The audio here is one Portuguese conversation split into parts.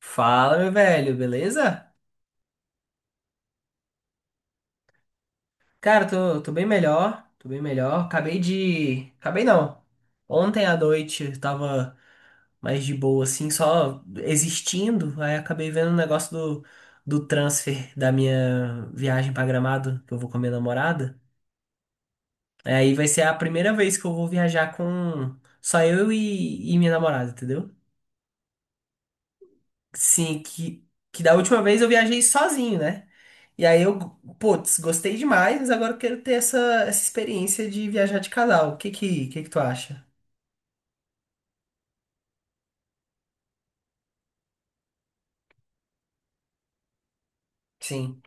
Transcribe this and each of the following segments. Fala, meu velho, beleza? Cara, tô bem melhor, tô bem melhor. Acabei de. Acabei não. Ontem à noite eu tava mais de boa, assim, só existindo. Aí acabei vendo o negócio do transfer da minha viagem pra Gramado, que eu vou com a minha namorada. É. Aí vai ser a primeira vez que eu vou viajar com só eu e minha namorada, entendeu? Sim, que da última vez eu viajei sozinho, né? E aí eu, putz, gostei demais, mas agora eu quero ter essa experiência de viajar de casal. O que que tu acha? Sim.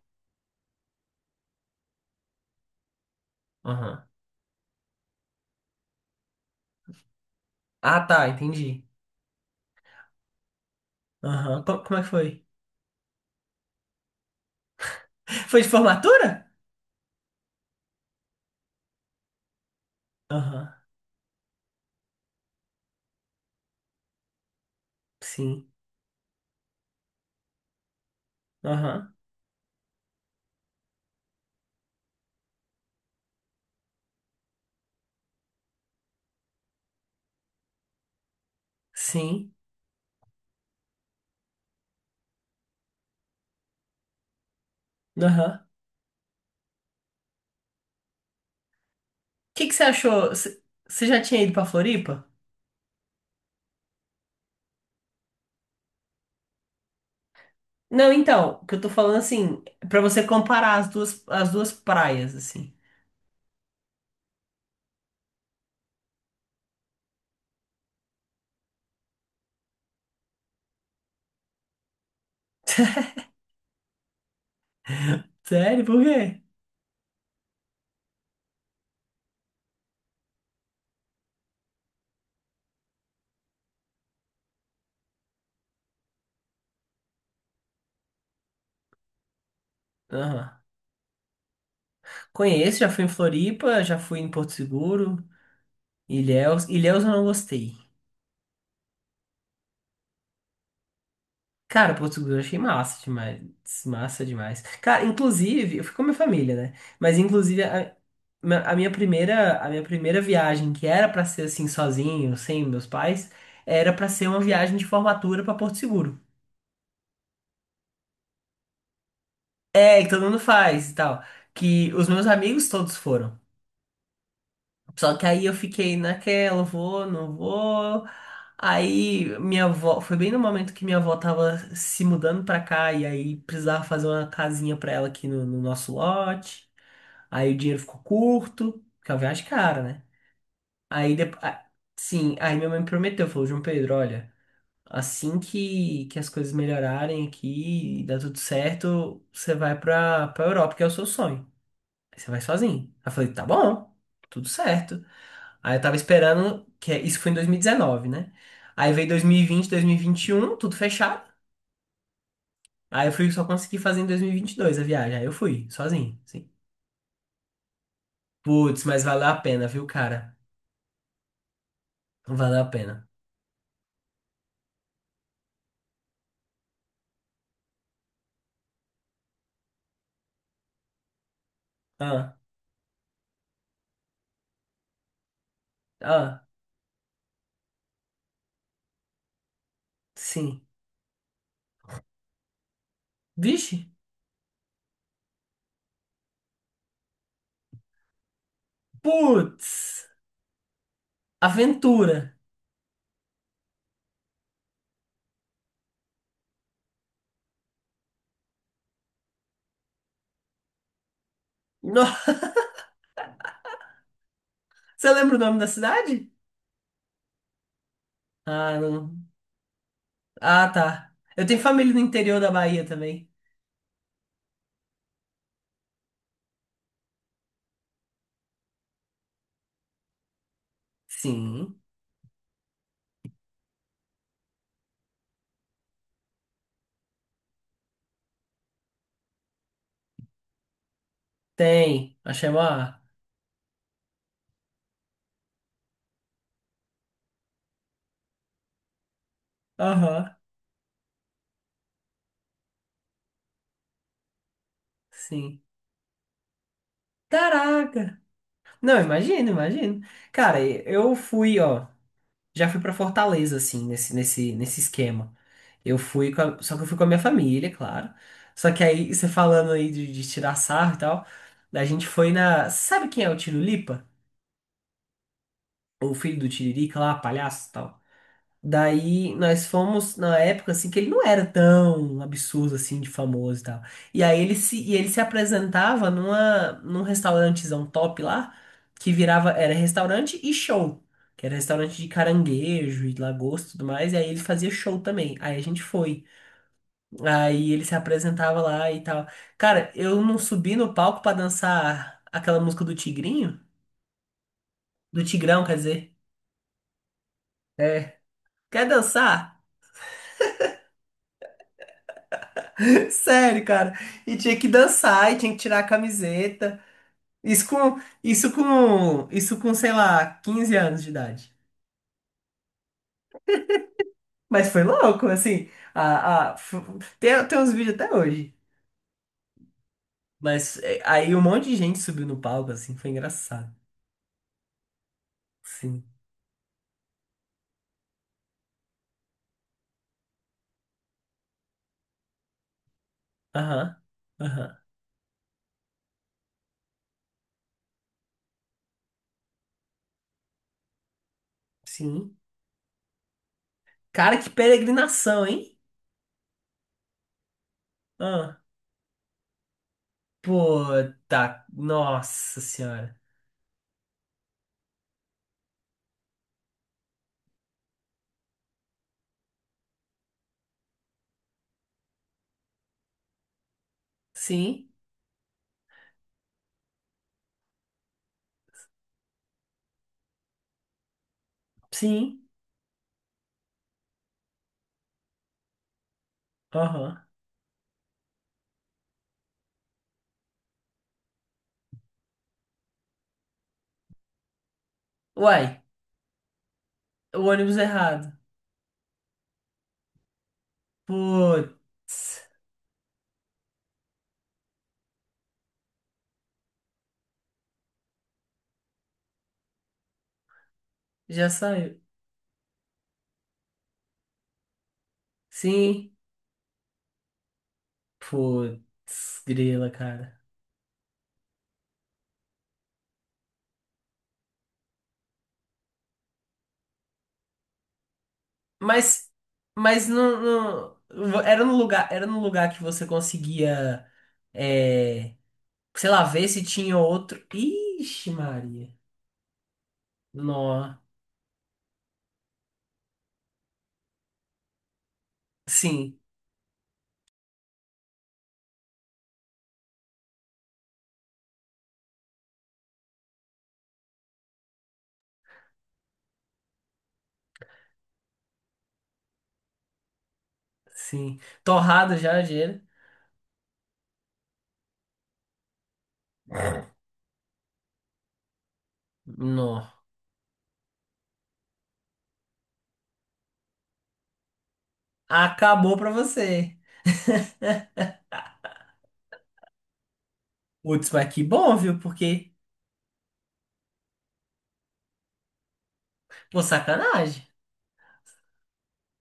Aham. Ah, tá, entendi. Aham. Como é que foi? Foi de formatura? Aham. Sim. Aham. Sim. Aham. O que que você achou? Você já tinha ido pra Floripa? Não, então, o que eu tô falando assim, pra você comparar as duas praias, assim. Sério? Por quê? Aham. Conheço, já fui em Floripa, já fui em Porto Seguro. Ilhéus, Ilhéus eu não gostei. Cara, Portugal eu achei massa demais. Massa demais. Cara, inclusive, eu fui com a minha família, né? Mas inclusive a minha primeira viagem, que era pra ser assim sozinho, sem meus pais, era pra ser uma viagem de formatura pra Porto Seguro. É, que todo mundo faz e tal. Que os meus amigos todos foram. Só que aí eu fiquei naquela, vou, não vou. Aí minha avó, foi bem no momento que minha avó tava se mudando pra cá e aí precisava fazer uma casinha pra ela aqui no nosso lote. Aí o dinheiro ficou curto, porque é uma viagem é cara, né? Aí depois, sim, aí minha mãe me prometeu, falou, João Pedro, olha, assim que as coisas melhorarem aqui e dar tudo certo, você vai pra Europa, que é o seu sonho. Aí você vai sozinho. Aí eu falei, tá bom, tudo certo. Aí eu tava esperando, que é, isso foi em 2019, né? Aí veio 2020, 2021, tudo fechado. Aí eu fui, só consegui fazer em 2022 a viagem. Aí eu fui, sozinho, sim. Putz, mas valeu a pena, viu, cara? Valeu a pena. Ah, ah, sim. Vixe, putz, aventura. Nossa, você lembra o nome da cidade? Ah, não. Ah, tá. Eu tenho família no interior da Bahia também. Sim, tem. Achei uma... Aham, sim. Caraca! Não, imagino, imagino. Cara, eu fui, ó, já fui pra Fortaleza, assim, nesse esquema. Eu fui, só que eu fui com a minha família, claro. Só que aí, você falando aí de tirar sarro e tal, a gente foi na. Sabe quem é o Tirulipa? O filho do Tiririca lá, palhaço e tal? Daí nós fomos na época assim que ele não era tão absurdo assim de famoso e tal. E aí ele se apresentava num restaurantezão top lá, que virava, era restaurante e show, que era restaurante de caranguejo e lagosta e tudo mais, e aí ele fazia show também. Aí a gente foi. Aí ele se apresentava lá e tal. Cara, eu não subi no palco pra dançar aquela música do Tigrinho, do Tigrão, quer dizer. É. Quer dançar? Sério, cara. E tinha que dançar, e tinha que tirar a camiseta. Isso com sei lá, 15 anos de idade. Mas foi louco, assim. A, a- f- tem uns vídeos até hoje. Mas é, aí um monte de gente subiu no palco, assim, foi engraçado. Sim. Aham. Aham. Sim. Cara, que peregrinação, hein? Ah, pô, tá. Nossa senhora. Sim, sim. Aham. Uai, o ônibus errado. Pô. Já saiu. Sim. Putz, grila, cara. Mas, mas era no lugar que você conseguia, é, sei lá, ver se tinha outro. Ixi, Maria. Nó. Sim, sim. Torrado já, gelo. Nó. Acabou pra você. Putz, mas que bom, viu? Porque, pô, sacanagem.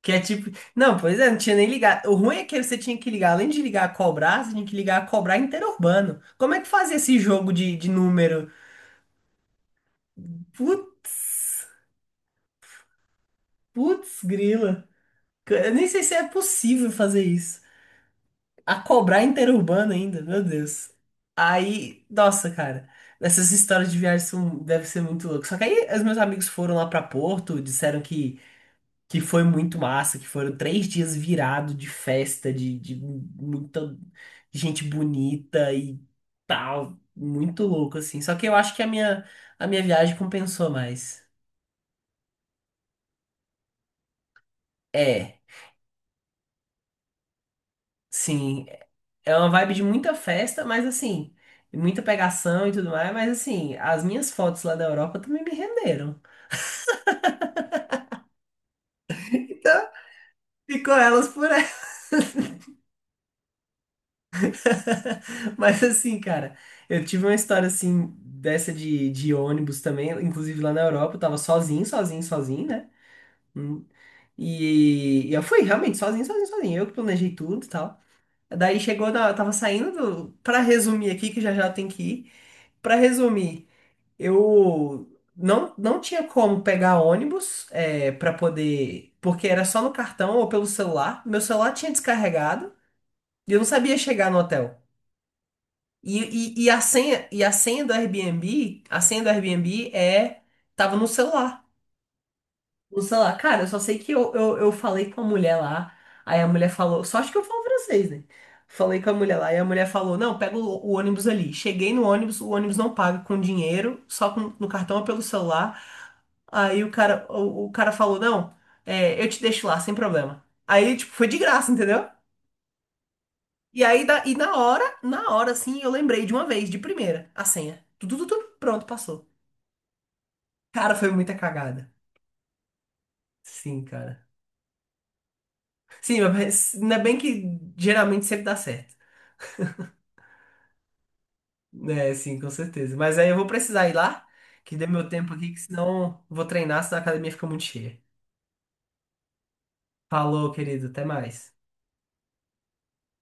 Que é tipo. Não, pois é, não tinha nem ligado. O ruim é que você tinha que ligar, além de ligar a cobrar, você tinha que ligar a cobrar interurbano. Como é que fazia esse jogo de número? Pu- Putz, grila. Eu nem sei se é possível fazer isso. A cobrar interurbano ainda, meu Deus. Aí, nossa, cara. Essas histórias de viagem são, deve ser muito louco. Só que aí os meus amigos foram lá pra Porto, disseram que foi muito massa, que foram 3 dias virado de festa, de muita gente bonita e tal, muito louco assim. Só que eu acho que a minha viagem compensou mais. É, sim, é uma vibe de muita festa, mas assim, muita pegação e tudo mais, mas assim, as minhas fotos lá da Europa também me renderam. Então, ficou elas por Mas assim, cara, eu tive uma história assim, dessa de ônibus também, inclusive lá na Europa, eu tava sozinho, sozinho, sozinho, né? Hum. E eu fui realmente sozinho, sozinho, sozinho. Eu que planejei tudo e tal. Daí chegou, eu tava saindo do. Pra resumir aqui, que já já tem que ir. Pra resumir, eu não tinha como pegar ônibus é, pra poder. Porque era só no cartão ou pelo celular. Meu celular tinha descarregado e eu não sabia chegar no hotel. E a senha, e a senha do Airbnb, a senha do Airbnb é, tava no celular. No celular. Cara, eu só sei que eu falei com a mulher lá, aí a mulher falou, só acho que eu falo francês, né? Falei com a mulher lá, e a mulher falou, não, pega o ônibus ali. Cheguei no ônibus, o ônibus não paga com dinheiro, só com, no cartão ou pelo celular. Aí o cara falou, não, é, eu te deixo lá, sem problema. Aí, tipo, foi de graça, entendeu? E aí, e na hora, assim, eu lembrei de uma vez, de primeira, a senha. Tudo, tudo, tudo, pronto, passou. Cara, foi muita cagada. Sim, cara. Sim, mas ainda bem que geralmente sempre dá certo. É, sim, com certeza. Mas aí eu vou precisar ir lá, que dê meu tempo aqui, que senão eu vou treinar, senão a academia fica muito cheia. Falou, querido, até mais.